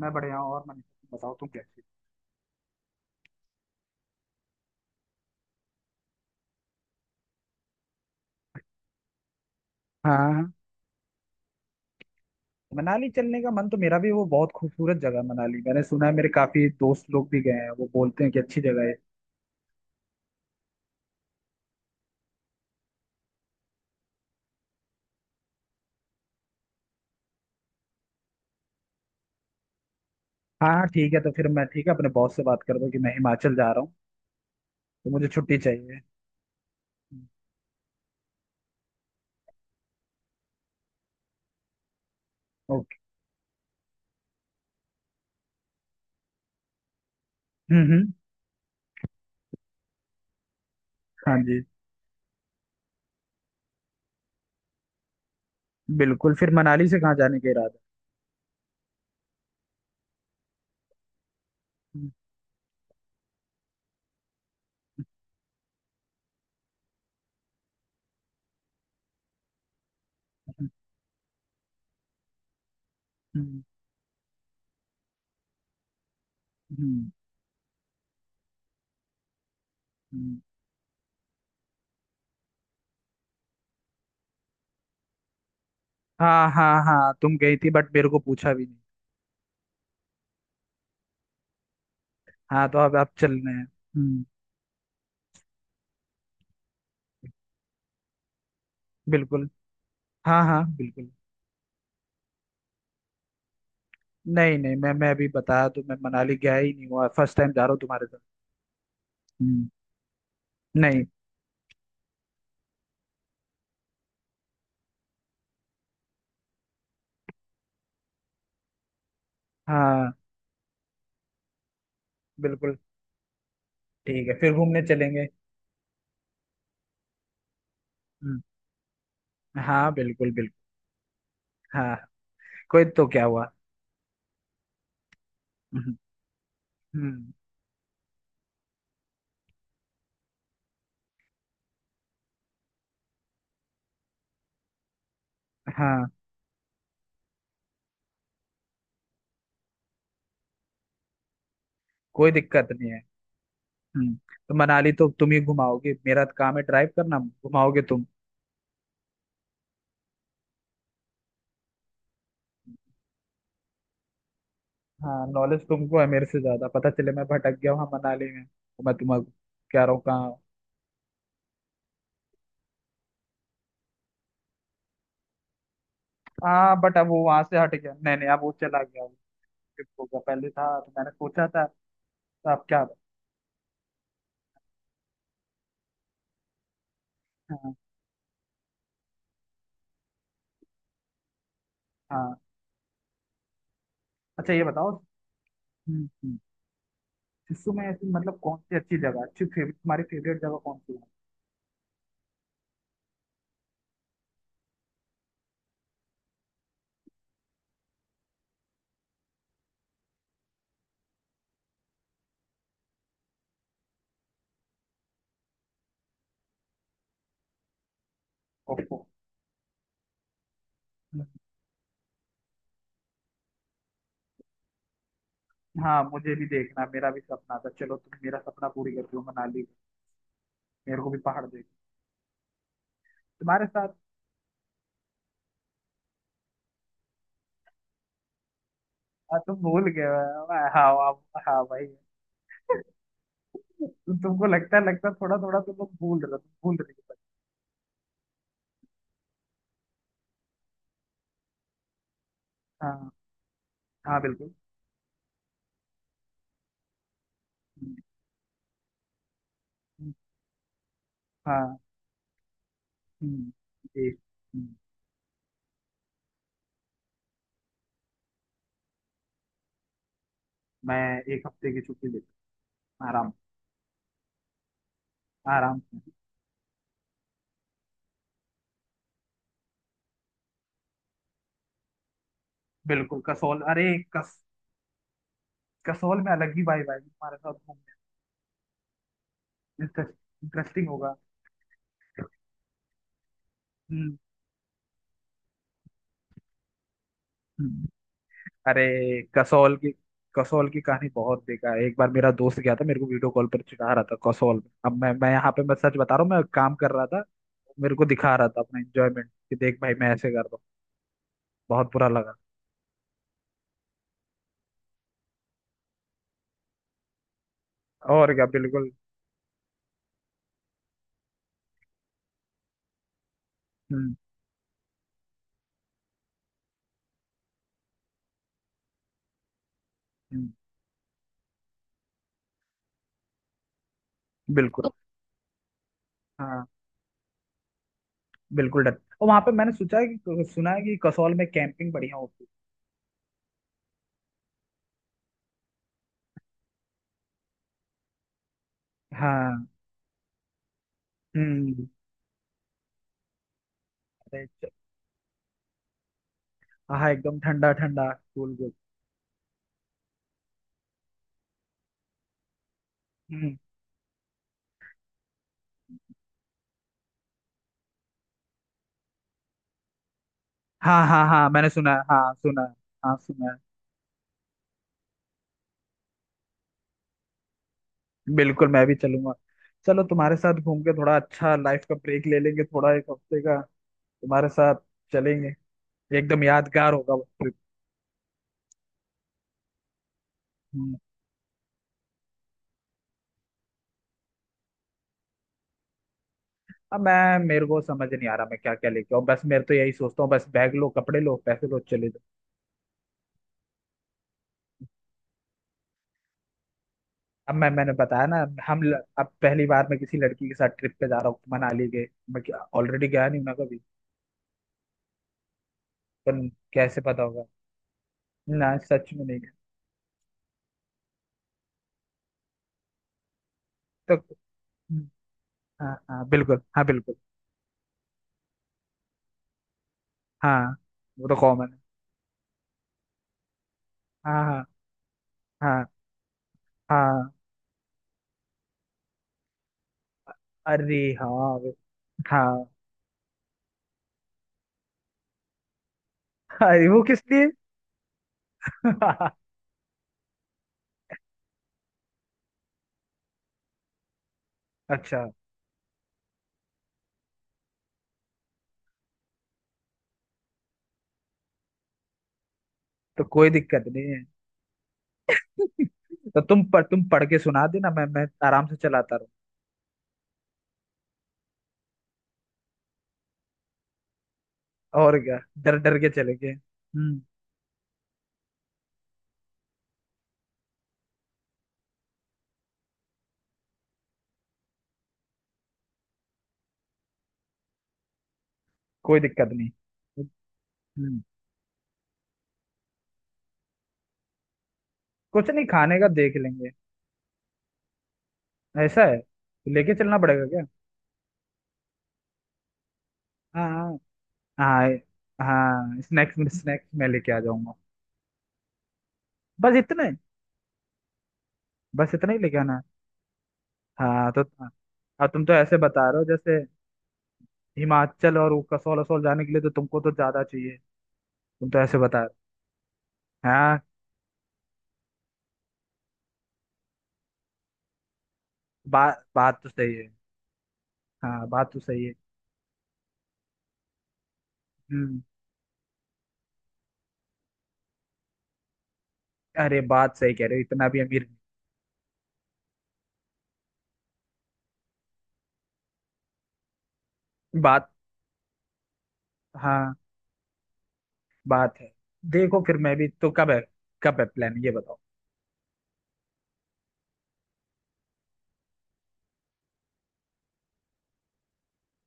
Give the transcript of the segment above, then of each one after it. मैं बढ़िया हूँ। और मन बताओ, तुम कैसे? हाँ, मनाली चलने का मन तो मेरा भी, वो बहुत खूबसूरत जगह है मनाली, मैंने सुना है। मेरे काफी दोस्त लोग भी गए हैं, वो बोलते हैं कि अच्छी जगह है। हाँ हाँ ठीक है। तो फिर मैं ठीक है अपने बॉस से बात कर दूँ कि मैं हिमाचल जा रहा हूँ तो मुझे छुट्टी चाहिए। ओके। हम्म। हम्म। हाँ जी, बिल्कुल। फिर मनाली से कहाँ जाने का इरादा है? हम्म। हम्म। हम्म। हम्म। हाँ हाँ हाँ, तुम गई थी, बट मेरे को पूछा भी नहीं। हाँ तो अब आप चल रहे हैं। हम्म। बिल्कुल। हाँ हाँ बिल्कुल। नहीं नहीं, मैं अभी बताया तो, मैं मनाली गया ही नहीं हुआ। फर्स्ट टाइम जा रहा हूँ तुम्हारे साथ। हम्म। नहीं। हाँ। बिल्कुल। ठीक है, फिर घूमने चलेंगे। हम्म। हाँ बिल्कुल बिल्कुल। हाँ। कोई तो क्या हुआ। हम्म। हम्म। हाँ। कोई दिक्कत नहीं है। हम्म। तो मनाली तो तुम ही घुमाओगे, मेरा तो काम है ड्राइव करना, घुमाओगे तुम। हाँ, नॉलेज तुमको है मेरे से ज्यादा, पता चले मैं भटक गया वहाँ मनाली में, तो मैं तुम्हें कह रहा हूँ कहाँ हूँ। हाँ बट अब वो वहां से हट गया, नहीं नहीं, अब वो चला गया, वो skip हो गया। पहले था तो मैंने सोचा था। तो आप क्या। हाँ हाँ। अच्छा ये बताओ। हम्म। हम्म। शिशु में ऐसी मतलब कौन सी अच्छी जगह, अच्छी फेवरेट, तुम्हारी फेवरेट जगह कौन सी है? ओप्पो। हाँ, मुझे भी देखना, मेरा भी सपना था। चलो तुम मेरा सपना पूरी कर दो मनाली। मेरे को भी पहाड़ देख तुम्हारे साथ। हाँ, तुम भूल गए हो। हाँ हाँ। हाँ भाई। तुमको लगता है, लगता है थोड़ा थोड़ा, तुम लोग भूल रहे हो, तुम भूल रही हो। हाँ हाँ बिल्कुल। हम्म। हम्म। हाँ। हम्म। एक। हम्म। मैं एक हफ्ते की छुट्टी लेता हूँ, आराम आराम से। बिल्कुल कसौल, अरे कस कसौल में अलग ही वाइब आएगी तुम्हारे साथ घूमने, इंटरेस्टिंग होगा। हम्म। हम्म। अरे कसौल की, कसौल की कहानी बहुत बेकार है। एक बार मेरा दोस्त गया था, मेरे को वीडियो कॉल पर चिढ़ा रहा था कसौल में। अब मैं यहाँ पे, मैं सच बता रहा हूँ, मैं काम कर रहा था, मेरे को दिखा रहा था अपना एंजॉयमेंट कि देख भाई मैं ऐसे कर रहा हूँ। बहुत बुरा लगा। और क्या, बिल्कुल। हम्म। हम्म। बिल्कुल। तो हाँ बिल्कुल डर। और वहां पे मैंने सोचा है कि सुना है कि कसौल में कैंपिंग बढ़िया होती है। हाँ। हम्म। अरे च- हाँ, एकदम ठंडा ठंडा कूल। हम्म। हाँ हाँ हाँ, मैंने सुना है, हाँ सुना है। हाँ सुना है। बिल्कुल, मैं भी चलूंगा। चलो तुम्हारे साथ घूम के थोड़ा अच्छा, लाइफ का ब्रेक ले लेंगे थोड़ा एक हफ्ते का, तुम्हारे साथ चलेंगे। एकदम यादगार होगा वो ट्रिप। हम्म। अब मैं, मेरे को समझ नहीं आ रहा मैं क्या क्या लेके आऊँ। बस मेरे तो, यही सोचता हूँ बस, बैग लो कपड़े लो पैसे लो चले जाओ। अब मैं, मैंने बताया ना, अब पहली बार मैं किसी लड़की के साथ ट्रिप पे जा रहा हूँ। मनाली गए, मैं ऑलरेडी गया नहीं हूं ना कभी, पर कैसे पता होगा ना, सच में नहीं गया तो। हाँ हाँ बिल्कुल, हाँ बिल्कुल। हाँ, वो तो कॉमन है। हाँ। हाँ। हाँ। हाँ अरे हाँ। वे- हाँ। अरे वो किस लिए? अच्छा। तो कोई दिक्कत नहीं है। तो तुम पर, तुम पढ़ के सुना देना, मैं आराम से चलाता रहूँ। और क्या, डर डर के चलेंगे। हम्म। कोई दिक्कत नहीं। हम्म। कुछ नहीं, खाने का देख लेंगे। ऐसा है, लेके चलना पड़ेगा क्या? हाँ हाँ। हाँ हाँ, स्नैक्स में, स्नैक्स मैं लेके आ जाऊंगा। बस इतने, बस इतना ही लेके आना है। हाँ तो अब तुम तो ऐसे बता रहे हो जैसे हिमाचल और वो कसौल असौल जाने के लिए तो तुमको तो ज्यादा चाहिए। तुम तो ऐसे बता रहे हो। हाँ। बात, बात तो सही है। हाँ, बात तो सही है। हम्म। अरे, बात सही कह रहे हो, इतना भी अमीर नहीं। बात, हाँ बात है। देखो फिर मैं भी तो, कब है, कब है प्लान ये बताओ।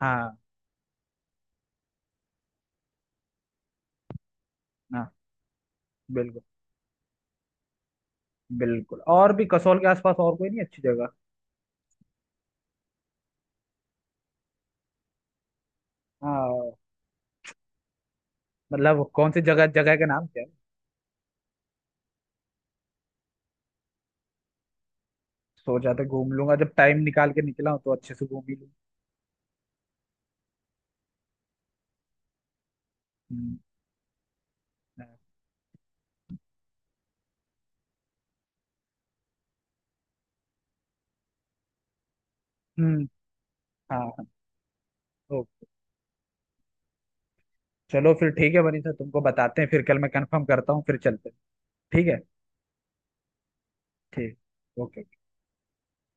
हाँ हाँ बिल्कुल बिल्कुल। और भी कसौल के आसपास और कोई नहीं अच्छी जगह? हाँ। मतलब कौन सी जगह, जगह का नाम क्या है? सोचा तो घूम लूंगा, जब टाइम निकाल के निकला हूं तो अच्छे से घूम ही लूँ। हम्म। हाँ। हम्म। हाँ हाँ। ओके। चलो फिर ठीक है, बनी सर तुमको बताते हैं फिर, कल मैं कंफर्म करता हूँ फिर चलते हैं। ठीक है। ठीक। ओके।